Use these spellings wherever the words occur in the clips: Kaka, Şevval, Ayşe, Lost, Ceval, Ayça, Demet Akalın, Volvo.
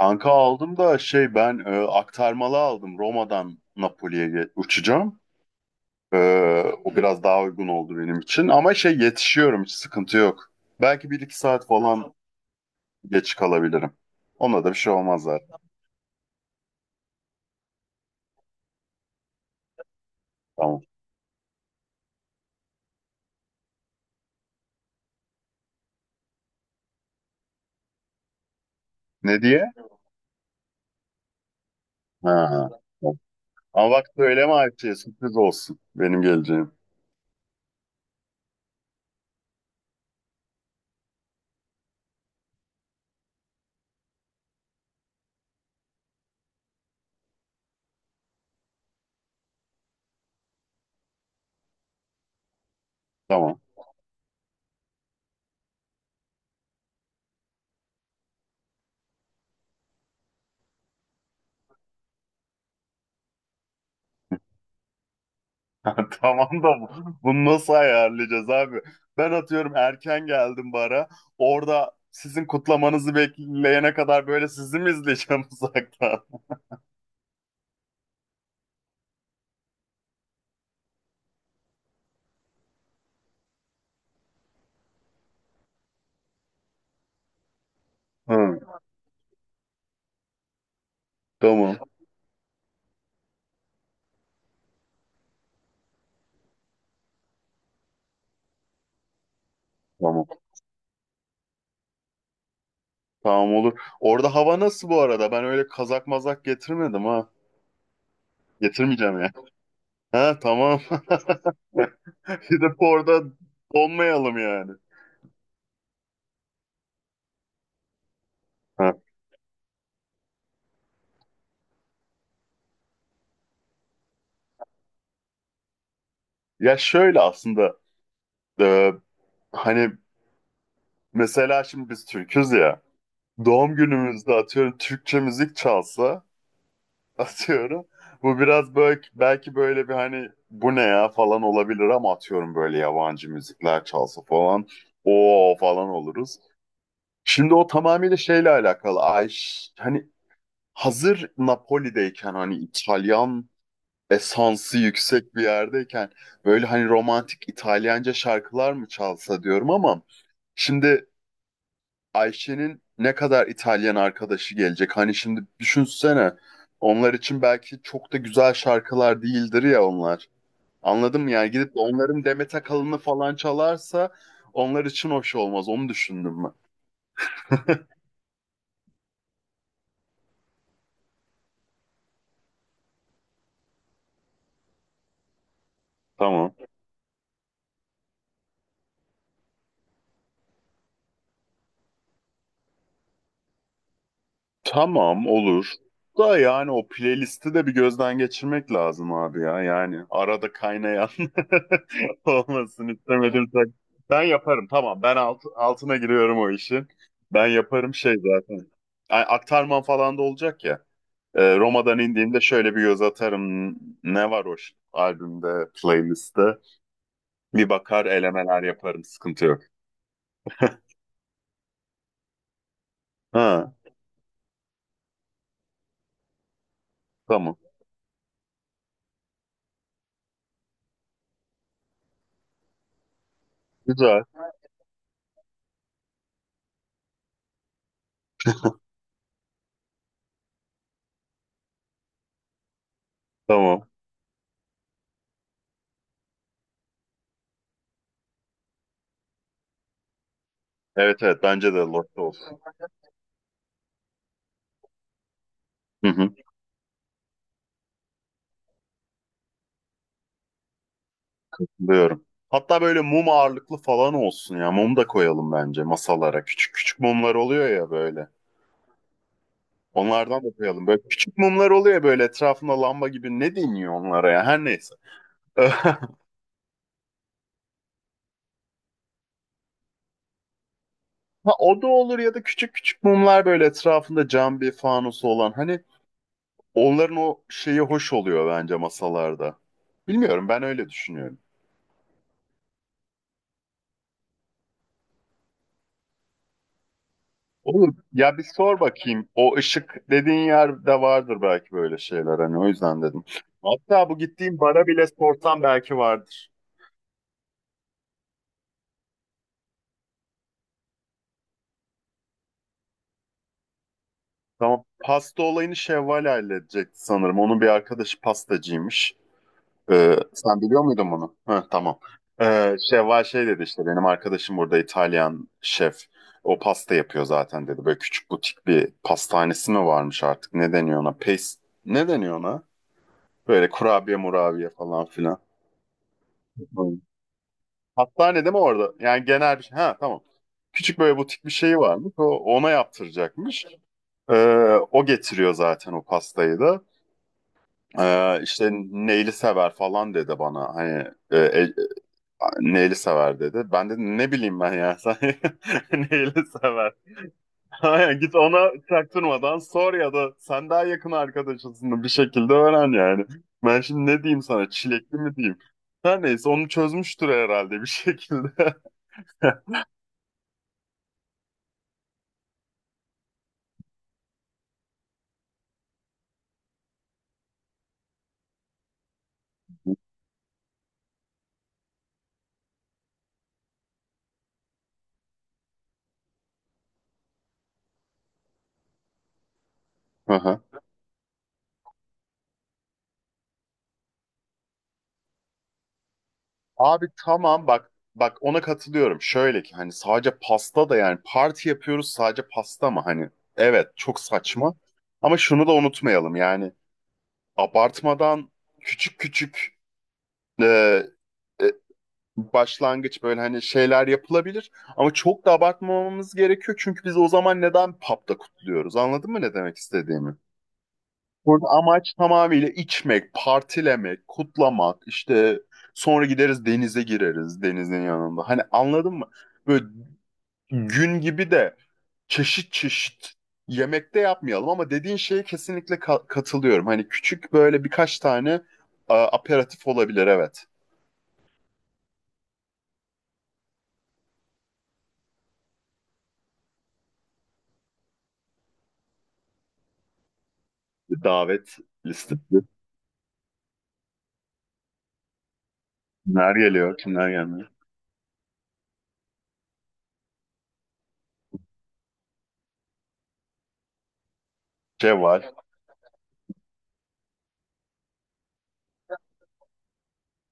Kanka aldım da şey ben aktarmalı aldım. Roma'dan Napoli'ye uçacağım. E, O biraz daha uygun oldu benim için. Ama şey yetişiyorum, hiç sıkıntı yok. Belki bir iki saat falan geç kalabilirim. Ona da bir şey olmaz zaten. Tamam. Ne diye? Ha. Ama bak söyleme Ayça'ya, sürpriz olsun benim geleceğim. Tamam. Tamam da bunu nasıl ayarlayacağız abi? Ben atıyorum erken geldim bara. Orada sizin kutlamanızı bekleyene kadar böyle sizi mi izleyeceğim uzaktan? Hı, tamam. Tamam. Tamam olur. Orada hava nasıl bu arada? Ben öyle kazak mazak getirmedim ha. Getirmeyeceğim ya. Ha, tamam. Gidip orada donmayalım yani. Ha. Ya şöyle aslında, e, hani mesela şimdi biz Türk'üz ya. Doğum günümüzde atıyorum Türkçe müzik çalsa, atıyorum. Bu biraz böyle belki böyle bir, hani bu ne ya falan olabilir, ama atıyorum böyle yabancı müzikler çalsa falan o falan oluruz. Şimdi o tamamıyla şeyle alakalı. Hani hazır Napoli'deyken hani İtalyan esansı yüksek bir yerdeyken, böyle hani romantik İtalyanca şarkılar mı çalsa diyorum. Ama şimdi Ayşe'nin ne kadar İtalyan arkadaşı gelecek? Hani şimdi düşünsene. Onlar için belki çok da güzel şarkılar değildir ya onlar. Anladın mı? Yani gidip de onların Demet Akalın'ı falan çalarsa onlar için hoş olmaz. Onu düşündüm ben. Tamam. Tamam olur. Da yani o playlisti de bir gözden geçirmek lazım abi ya. Yani arada kaynayan olmasın istemedim. Ben yaparım, tamam. Ben altına giriyorum o işi. Ben yaparım şey zaten. Ay, aktarman falan da olacak ya. Roma'dan indiğimde şöyle bir göz atarım. Ne var o albümde, playlistte. Bir bakar elemeler yaparım. Sıkıntı yok. Ha, tamam. Güzel. Tamam. Evet, evet, bence de Lost olsun. Hı hı. Diyorum. Hatta böyle mum ağırlıklı falan olsun ya. Mum da koyalım bence masalara. Küçük küçük mumlar oluyor ya böyle. Onlardan da koyalım. Böyle küçük mumlar oluyor ya, böyle etrafında lamba gibi. Ne deniyor onlara ya? Her neyse. Ha, o da olur. Ya da küçük küçük mumlar böyle etrafında cam bir fanusu olan. Hani onların o şeyi hoş oluyor bence masalarda. Bilmiyorum, ben öyle düşünüyorum. Olur. Ya bir sor bakayım. O ışık dediğin yerde vardır belki böyle şeyler. Hani o yüzden dedim. Hatta bu gittiğim bara bile sorsam belki vardır. Tamam. Pasta olayını Şevval halledecekti sanırım. Onun bir arkadaşı pastacıymış. Sen biliyor muydun bunu? Hı, tamam. Şevval şey dedi işte, benim arkadaşım burada İtalyan şef. O pasta yapıyor zaten dedi. Böyle küçük butik bir pastanesi mi varmış artık? Ne deniyor ona? Pes... Ne deniyor ona? Böyle kurabiye murabiye falan filan. Hı. Hastanede mi orada? Yani genel bir şey. Ha, tamam. Küçük böyle butik bir şey varmış. O, ona yaptıracakmış. Ee, O getiriyor zaten o pastayı da. İşte neyli sever falan dedi bana. Hani neyli sever dedi. Ben dedim ne bileyim ben, ya sen neyli sever. Aynen, git ona çaktırmadan sor ya da sen daha yakın arkadaşısın, bir şekilde öğren yani. Ben şimdi ne diyeyim sana, çilekli mi diyeyim? Her neyse onu çözmüştür herhalde bir şekilde. Abi tamam, bak bak ona katılıyorum. Şöyle ki hani sadece pasta da yani, parti yapıyoruz sadece pasta mı hani? Evet, çok saçma. Ama şunu da unutmayalım yani, abartmadan küçük küçük e, e, başlangıç böyle hani şeyler yapılabilir. Ama çok da abartmamamız gerekiyor çünkü biz o zaman neden pub'da kutluyoruz? Anladın mı ne demek istediğimi? Burada amaç tamamıyla içmek, partilemek, kutlamak, işte sonra gideriz, denize gireriz denizin yanında. Hani anladın mı? Böyle gün gibi de çeşit çeşit yemek de yapmayalım, ama dediğin şeye kesinlikle katılıyorum. Hani küçük böyle birkaç tane aperatif olabilir, evet. Davet listesi. Kimler geliyor, kimler gelmiyor? Ceval.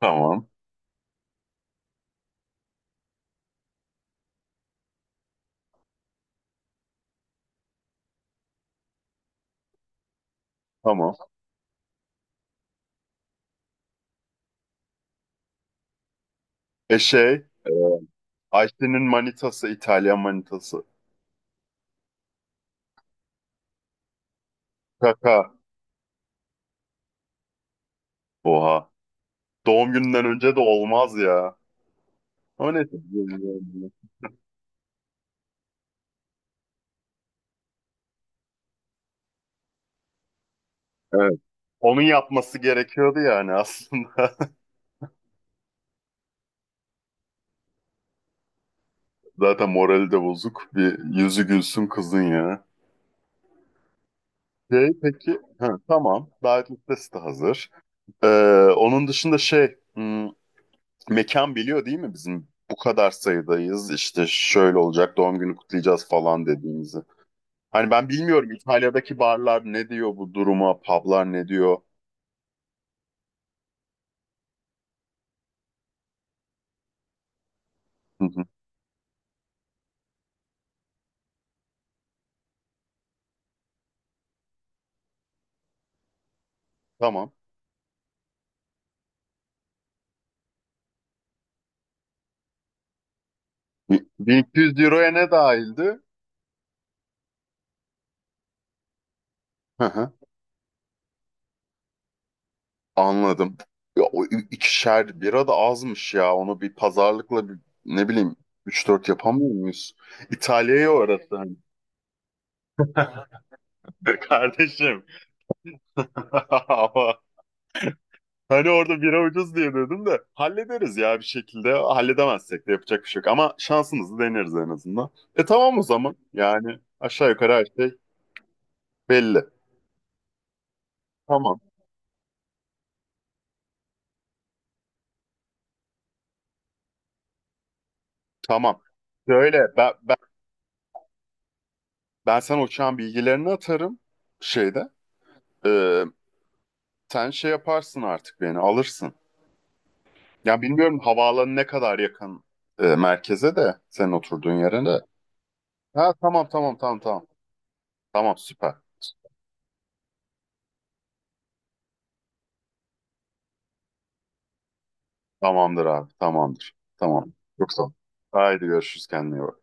Tamam, tamam. Şey, e, Ayşe'nin manitası, İtalyan manitası. Kaka. Oha. Doğum gününden önce de olmaz ya. Ama neyse. Evet. Onun yapması gerekiyordu yani aslında. Zaten morali de bozuk. Bir yüzü gülsün kızın ya. Şey peki. Ha, tamam. Davet listesi de hazır. Ee, Onun dışında şey. Mekan biliyor değil mi bizim? Bu kadar sayıdayız. İşte şöyle olacak. Doğum günü kutlayacağız falan dediğimizi. Hani ben bilmiyorum İtalya'daki barlar ne diyor bu duruma? Publar ne diyor? Hı hı. Tamam. 1200 euroya ne dahildi? Hı hı, anladım. Ya, o ikişer bira da azmış ya. Onu bir pazarlıkla bir, ne bileyim üç dört yapamıyor muyuz? İtalya'ya uğratın. Kardeşim. Ama hani orada bira ucuz diye dedim de hallederiz ya bir şekilde. Halledemezsek de yapacak bir şey yok. Ama şansımızı deneriz en azından. E tamam o zaman. Yani aşağı yukarı her şey belli. Tamam. Tamam. Şöyle ben sana uçağın bilgilerini atarım şeyde. Sen şey yaparsın artık beni alırsın. Ya bilmiyorum havaalanı ne kadar yakın, merkeze de, senin oturduğun yere de. Ha, tamam, tamam, tamam, tamam. Tamam, süper. Tamamdır abi, tamamdır. Tamam. Çok sağ ol. Haydi görüşürüz, kendine iyi bak.